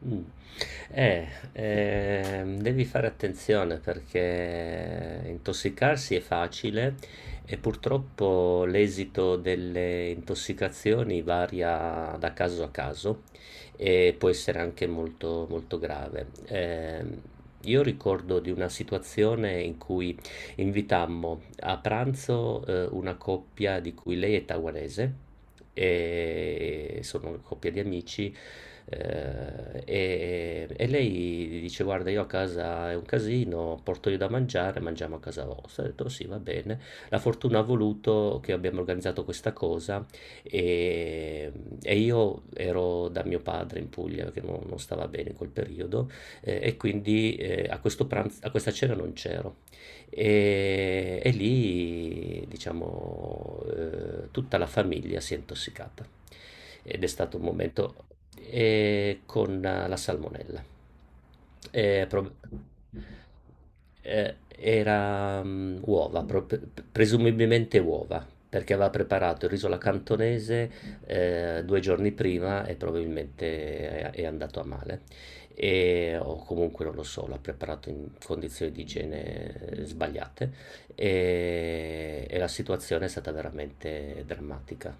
Mh. Eh, Devi fare attenzione perché intossicarsi è facile e purtroppo l'esito delle intossicazioni varia da caso a caso e può essere anche molto, molto grave. Io ricordo di una situazione in cui invitammo a pranzo, una coppia di cui lei è taiwanese e sono una coppia di amici. E lei dice: "Guarda, io a casa è un casino, porto io da mangiare, mangiamo a casa vostra." Ho detto: "Sì, va bene." La fortuna ha voluto che abbiamo organizzato questa cosa e, e io ero da mio padre in Puglia perché non stava bene in quel periodo e quindi a questo pranzo, a questa cena non c'ero. E lì, diciamo, tutta la famiglia si è intossicata ed è stato un momento con la salmonella. Eh, prob- eh, Era uova, presumibilmente uova, perché aveva preparato il riso alla cantonese due giorni prima e probabilmente è andato a male. E, o comunque non lo so, l'ha preparato in condizioni di igiene sbagliate e la situazione è stata veramente drammatica.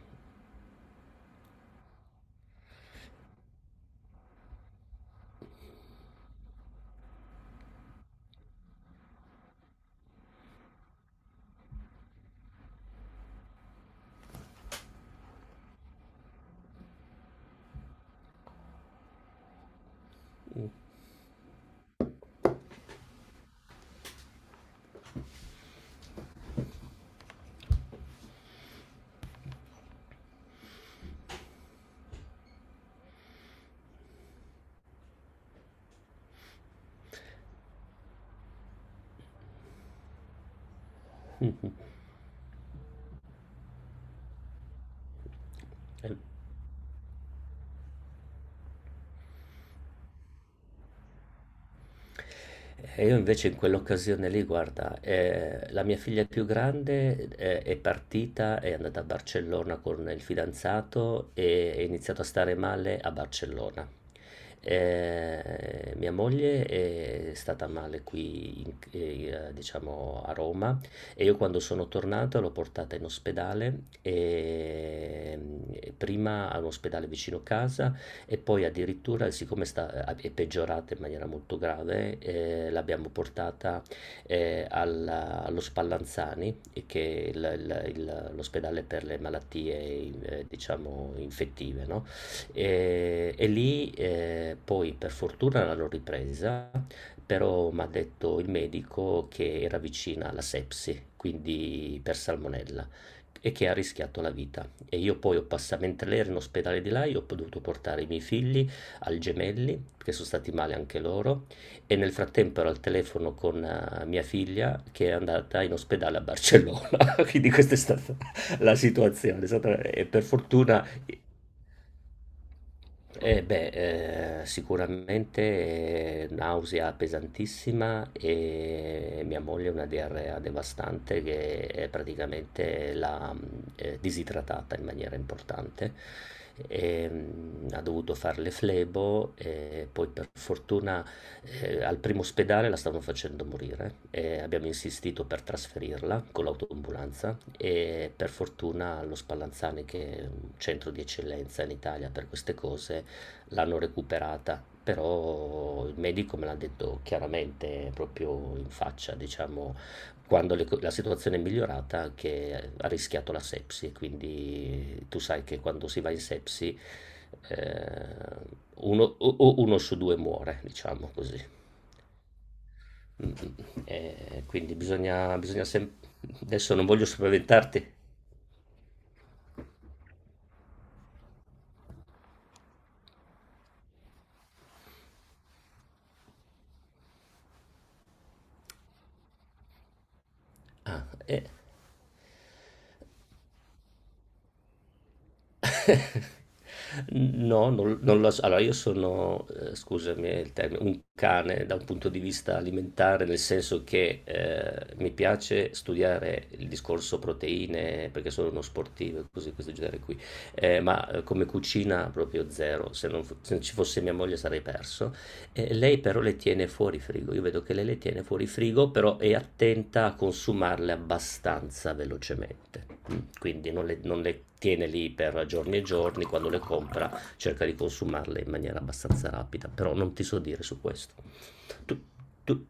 Mm. E io invece in quell'occasione lì, guarda, la mia figlia più grande è partita, è andata a Barcellona con il fidanzato e è iniziato a stare male a Barcellona. Mia moglie è stata male qui, diciamo, a Roma e io quando sono tornato l'ho portata in ospedale, prima all'ospedale vicino casa e poi addirittura, siccome è peggiorata in maniera molto grave, l'abbiamo portata allo Spallanzani, e che è l'ospedale per le malattie, diciamo, infettive, no? E lì poi per fortuna l'hanno ripresa, però mi ha detto il medico che era vicina alla sepsi, quindi per salmonella, e che ha rischiato la vita. E io poi ho passato, mentre lei era in ospedale di là, io ho dovuto portare i miei figli al Gemelli, che sono stati male anche loro, e nel frattempo ero al telefono con mia figlia che è andata in ospedale a Barcellona. Quindi questa è stata la situazione. E per fortuna... Eh beh, sicuramente nausea pesantissima e mia moglie una diarrea devastante che praticamente l'ha disidratata in maniera importante. E, ha dovuto fare le flebo e poi per fortuna al primo ospedale la stavano facendo morire e abbiamo insistito per trasferirla con l'autoambulanza e per fortuna lo Spallanzani, che è un centro di eccellenza in Italia per queste cose, l'hanno recuperata. Però il medico me l'ha detto chiaramente, proprio in faccia, diciamo, quando la situazione è migliorata, che ha rischiato la sepsi. Quindi tu sai che quando si va in sepsi, eh, uno, o uno su due muore, diciamo così. Mm, mm. Quindi bisogna, bisogna sempre... Adesso non voglio spaventarti. Ah, eh. No, non lo so. Allora, io sono, scusami il termine, un cane da un punto di vista alimentare, nel senso che mi piace studiare il discorso proteine, perché sono uno sportivo e cose di questo genere qui. Ma come cucina proprio zero. Se non, se non ci fosse mia moglie sarei perso. Lei però le tiene fuori frigo, io vedo che lei le tiene fuori frigo, però è attenta a consumarle abbastanza velocemente, quindi non le tiene lì per giorni e giorni, quando le compra cerca di consumarle in maniera abbastanza rapida, però non ti so dire su questo. Tu, tu,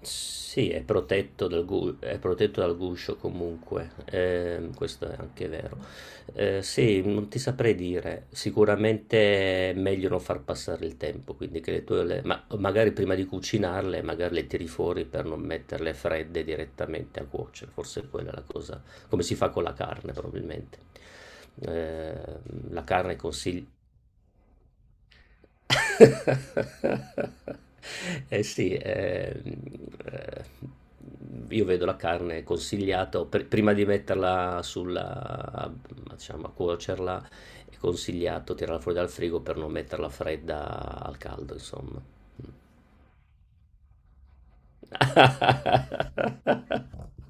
Sì, è protetto è protetto dal guscio comunque, questo è anche vero. Sì, non ti saprei dire, sicuramente è meglio non far passare il tempo, quindi che le tue, ma magari prima di cucinarle, magari le tiri fuori per non metterle fredde direttamente a cuocere, forse quella è la cosa, come si fa con la carne probabilmente. Eh, la carne consigli... Eh sì, eh, io vedo la carne consigliata, prima di metterla sulla, diciamo, a cuocerla, è consigliato tirarla fuori dal frigo per non metterla fredda al caldo, insomma.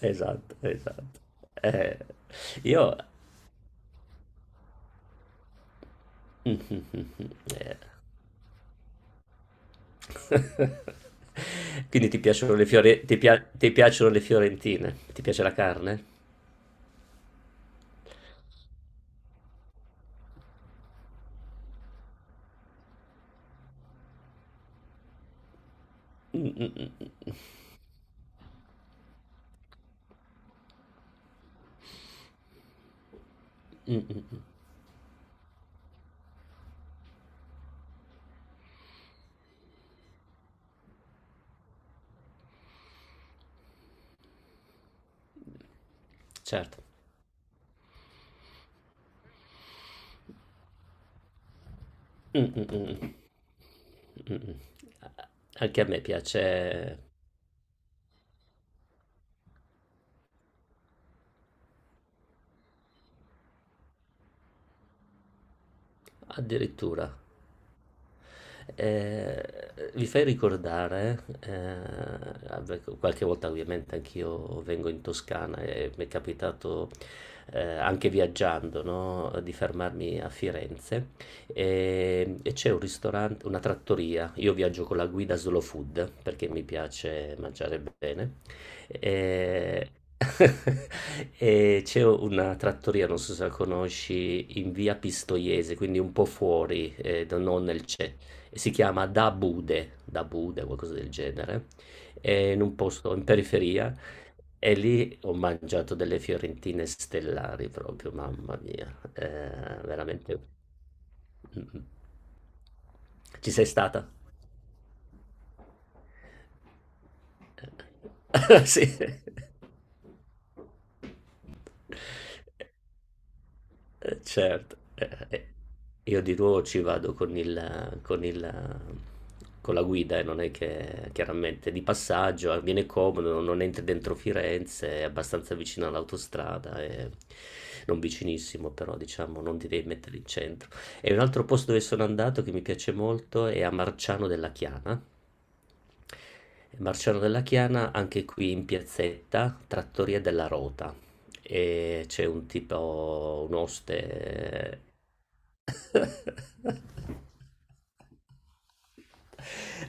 Esatto, esatto. Eh, io... Quindi ti piacciono le ti piacciono le fiorentine? Ti piace la carne? Mm, mm, mm, mm, mm, mm, mm. Certo. Mm, mm, mm, mm, mm. Anche a me piace. Addirittura. Eh, Vi fai ricordare, vabbè, qualche volta ovviamente anch'io vengo in Toscana e mi è capitato anche viaggiando, no, di fermarmi a Firenze e c'è un ristorante, una trattoria. Io viaggio con la guida Slow Food perché mi piace mangiare bene. E... E c'è una trattoria, non so se la conosci, in via Pistoiese, quindi un po' fuori, non nel centro e si chiama Da Bude, Da Bude, qualcosa del genere, è in un posto in periferia e lì ho mangiato delle fiorentine stellari proprio, mamma mia, veramente. Mm, mm. Ci sei stata? Sì. Certo, eh, eh. Io di nuovo ci vado con il, con la guida e non è che chiaramente di passaggio, viene comodo, non entri dentro Firenze, è abbastanza vicino all'autostrada, non vicinissimo però diciamo, non ti devi mettere in centro. E un altro posto dove sono andato che mi piace molto è a Marciano della Chiana. Marciano della Chiana, anche qui in piazzetta, Trattoria della Rota, e c'è un tipo, un oste.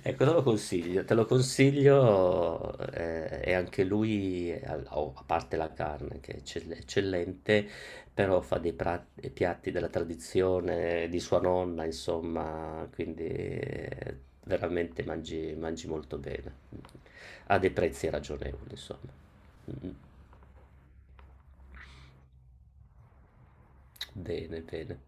Ecco, te lo consiglio e anche lui, oh, a parte la carne che è eccellente, però fa dei piatti della tradizione di sua nonna, insomma, quindi veramente mangi, mangi molto bene, a dei prezzi ragionevoli, insomma. Mm. Bene, bene.